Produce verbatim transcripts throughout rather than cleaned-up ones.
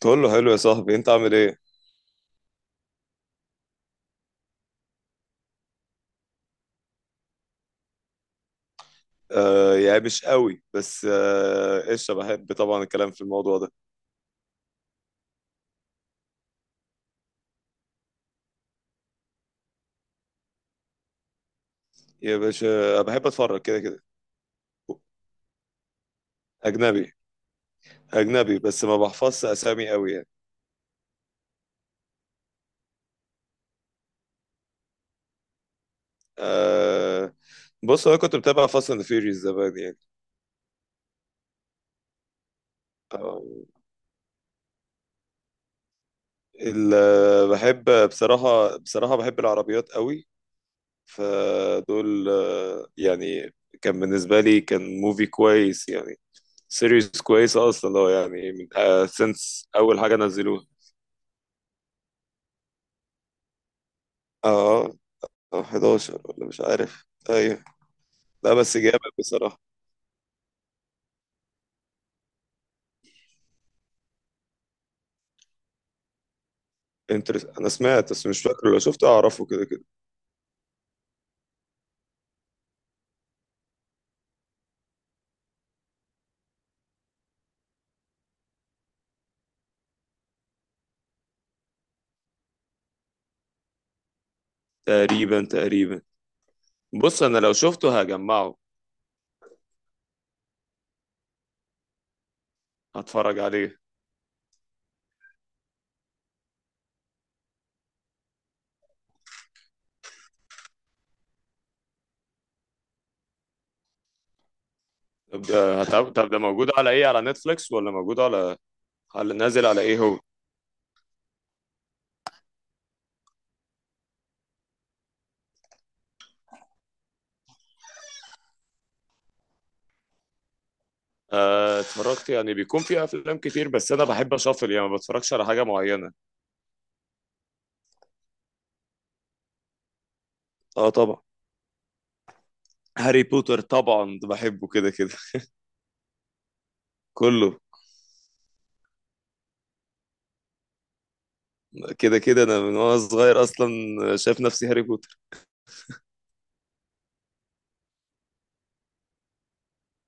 تقول له حلو يا صاحبي انت عامل ايه. آه يا مش قوي، بس آه قشطه، بحب طبعا الكلام في الموضوع ده. يا باشا، آه، بحب اتفرج كده كده. اجنبي. اجنبي بس ما بحفظش اسامي قوي يعني. آه. بص انا كنت بتابع فاست اند فيوريوس زمان يعني. آه. ال- آه، بحب بصراحه، بصراحه بحب العربيات قوي. فدول آه يعني. كان بالنسبه لي كان موفي كويس يعني. سيريز كويسه اصلا لو يعني من آه سنس اول حاجه نزلوها. اه. او احداشر ولا مش عارف، ايوه. لا بس جامد بصراحه. انترس... انا سمعت بس مش فاكره، لو شفته اعرفه كده كده. تقريبا تقريبا. بص انا لو شفته هجمعه. هتفرج عليه. طب ده هتع- طب ده موجود على ايه؟ على نتفليكس ولا موجود على، على نازل على ايه هو؟ آه، اتفرجت يعني، بيكون في افلام كتير، بس انا بحب اشفل يعني، ما بتفرجش على حاجه معينه. اه طبعا. هاري بوتر طبعا ده بحبه كده كده. كله. كده كده انا من وانا صغير اصلا. شايف نفسي هاري بوتر.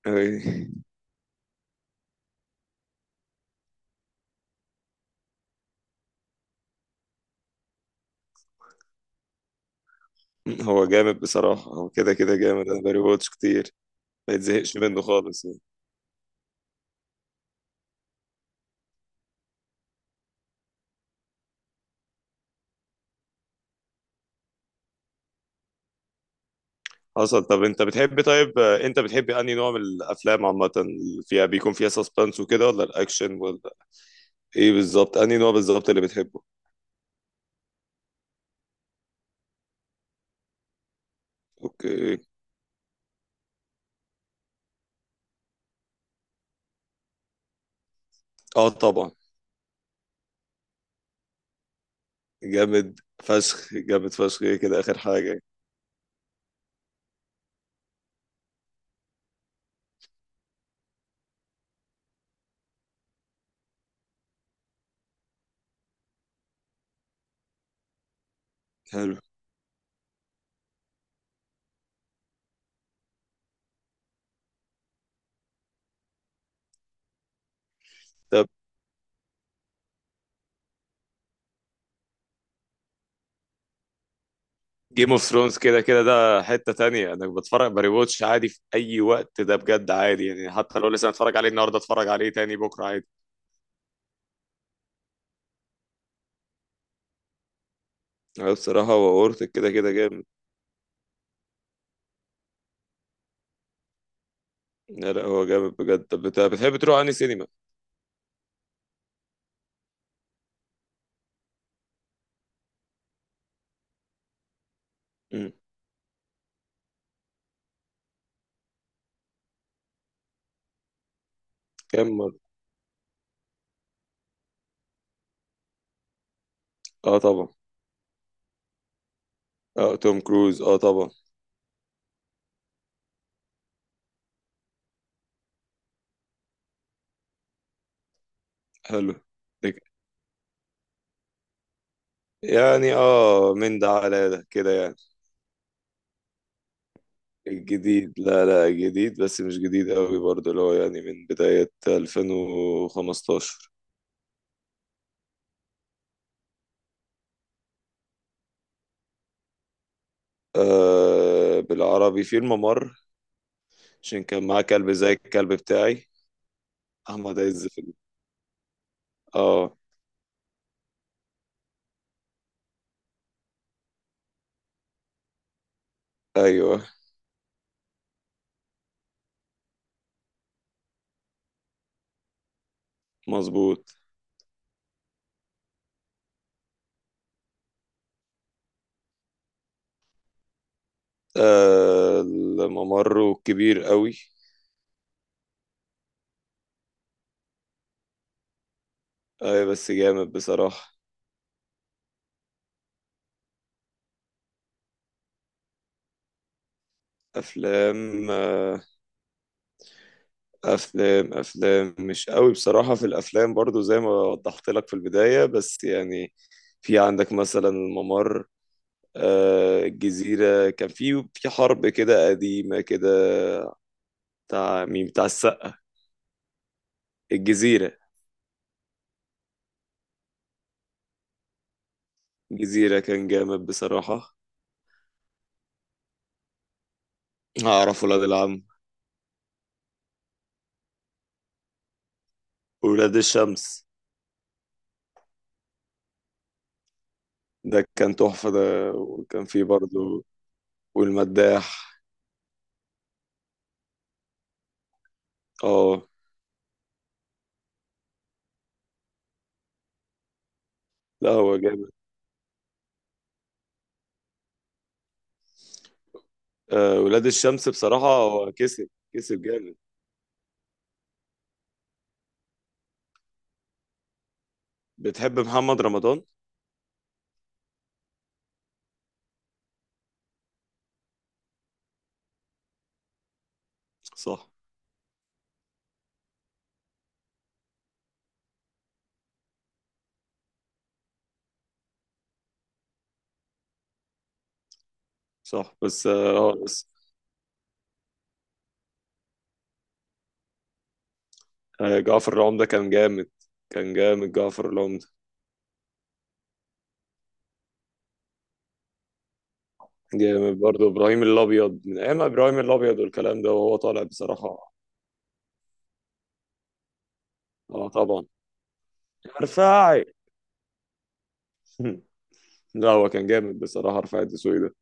أي. هو جامد بصراحة، هو كده كده جامد، أنا باري واتش كتير. ما يتزهقش منه خالص يعني. حصل. طب أنت بتحب، طيب آه، أنت بتحب أنهي نوع من الأفلام عامة؟ اللي فيها بيكون فيها سسبنس وكده، ولا الأكشن، ولا إيه بالظبط؟ أنهي نوع بالظبط اللي بتحبه؟ أوكي. أه طبعا. جامد فشخ، جامد فشخ، إيه كده آخر حاجة. حلو. طب جيم اوف ثرونز كده كده ده حتة تانية، انا بتفرج باري واتش عادي في اي وقت ده بجد، عادي يعني، حتى لو لسه اتفرج عليه النهارده اتفرج عليه تاني بكره عادي. لا بصراحة هو ورث كده كده جامد. لا لا هو جامد بجد. طب بت- بتحب تروح أنهي سينما؟ مم. كم مرة؟ اه طبعا. اه توم كروز اه طبعا. حلو. لك- يعني اه من ده على ده كده يعني. الجديد، لا لا جديد بس مش جديد قوي برضه، اللي هو يعني من بداية الفين وخمستاشر. آه بالعربي في الممر. عشان كان معاه كلب زي الكلب بتاعي. أحمد عز في ال- اه. أيوه. مظبوط. آه الممر كبير قوي. آه بس جامد بصراحة. أفلام آه. أفلام، أفلام مش قوي بصراحة في الأفلام برضو زي ما وضحت لك في البداية، بس يعني في عندك مثلا الممر. آه الجزيرة كان في في حرب كده قديمة كده. بتاع مين؟ بتاع السقا. الجزيرة. الجزيرة كان جامد بصراحة. أعرف ولاد العم. ولاد الشمس. ده كان تحفة ده، وكان فيه برضو والمداح. اه. لا هو جامد. آه ولاد الشمس بصراحة هو كسب، كسب جامد. بتحب محمد رمضان؟ صح. صح بس اه آه، بس آه جعفر العمدة كان جامد. كان جامد جعفر العمدة. جامد برضه إبراهيم الأبيض، من أيام إبراهيم الأبيض والكلام ده وهو طالع بصراحة. اه طبعا. رفاعي. لا هو كان جامد بصراحة رفاعي الدسوقي ده.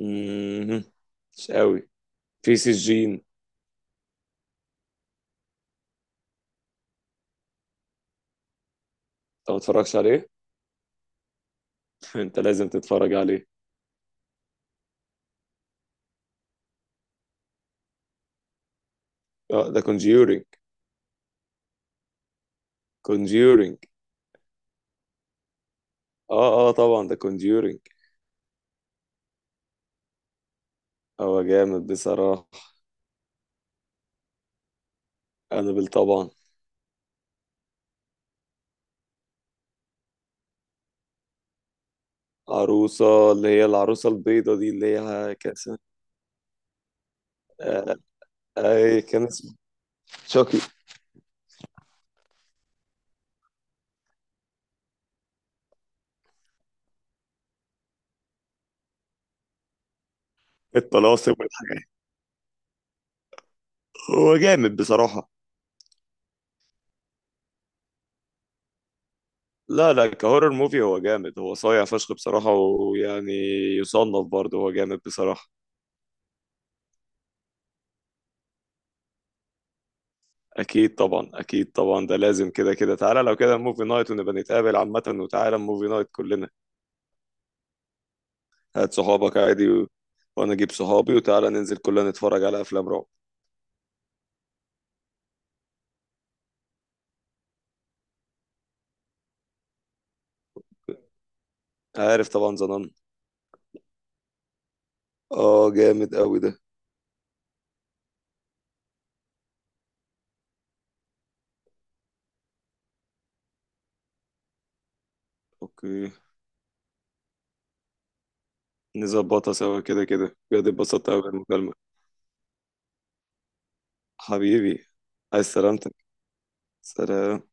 مم. مش قوي. في سجين انت. ما اتفرجش عليه. انت لازم تتفرج عليه. اه ده كونجيورينج. كونجيورينج. اه اه طبعا ده كونجيورينج. هو جامد بصراحة. انابل طبعا. عروسة، اللي هي العروسة البيضة دي، اللي هي كان اسمها آه، اي كان اسمه. شوكي. الطلاسم والحاجات. هو جامد بصراحة. لا لا كهورر موفي هو جامد، هو صايع فشخ بصراحة، ويعني يصنف برضه هو جامد بصراحة. أكيد طبعا، أكيد طبعا ده لازم كده كده. تعالى لو كده موفي نايت، ونبقى نتقابل عامة، وتعالى موفي نايت كلنا. هات صحابك عادي و... وأنا أجيب صحابي، وتعالى ننزل كلنا نتفرج على أفلام رعب. عارف طبعا زنان. اه جامد قوي ده. اوكي. نظبطها سوا كده كده، بجد اتبسطت قوي بالمكالمة. حبيبي. عايز سلامتك. سلام.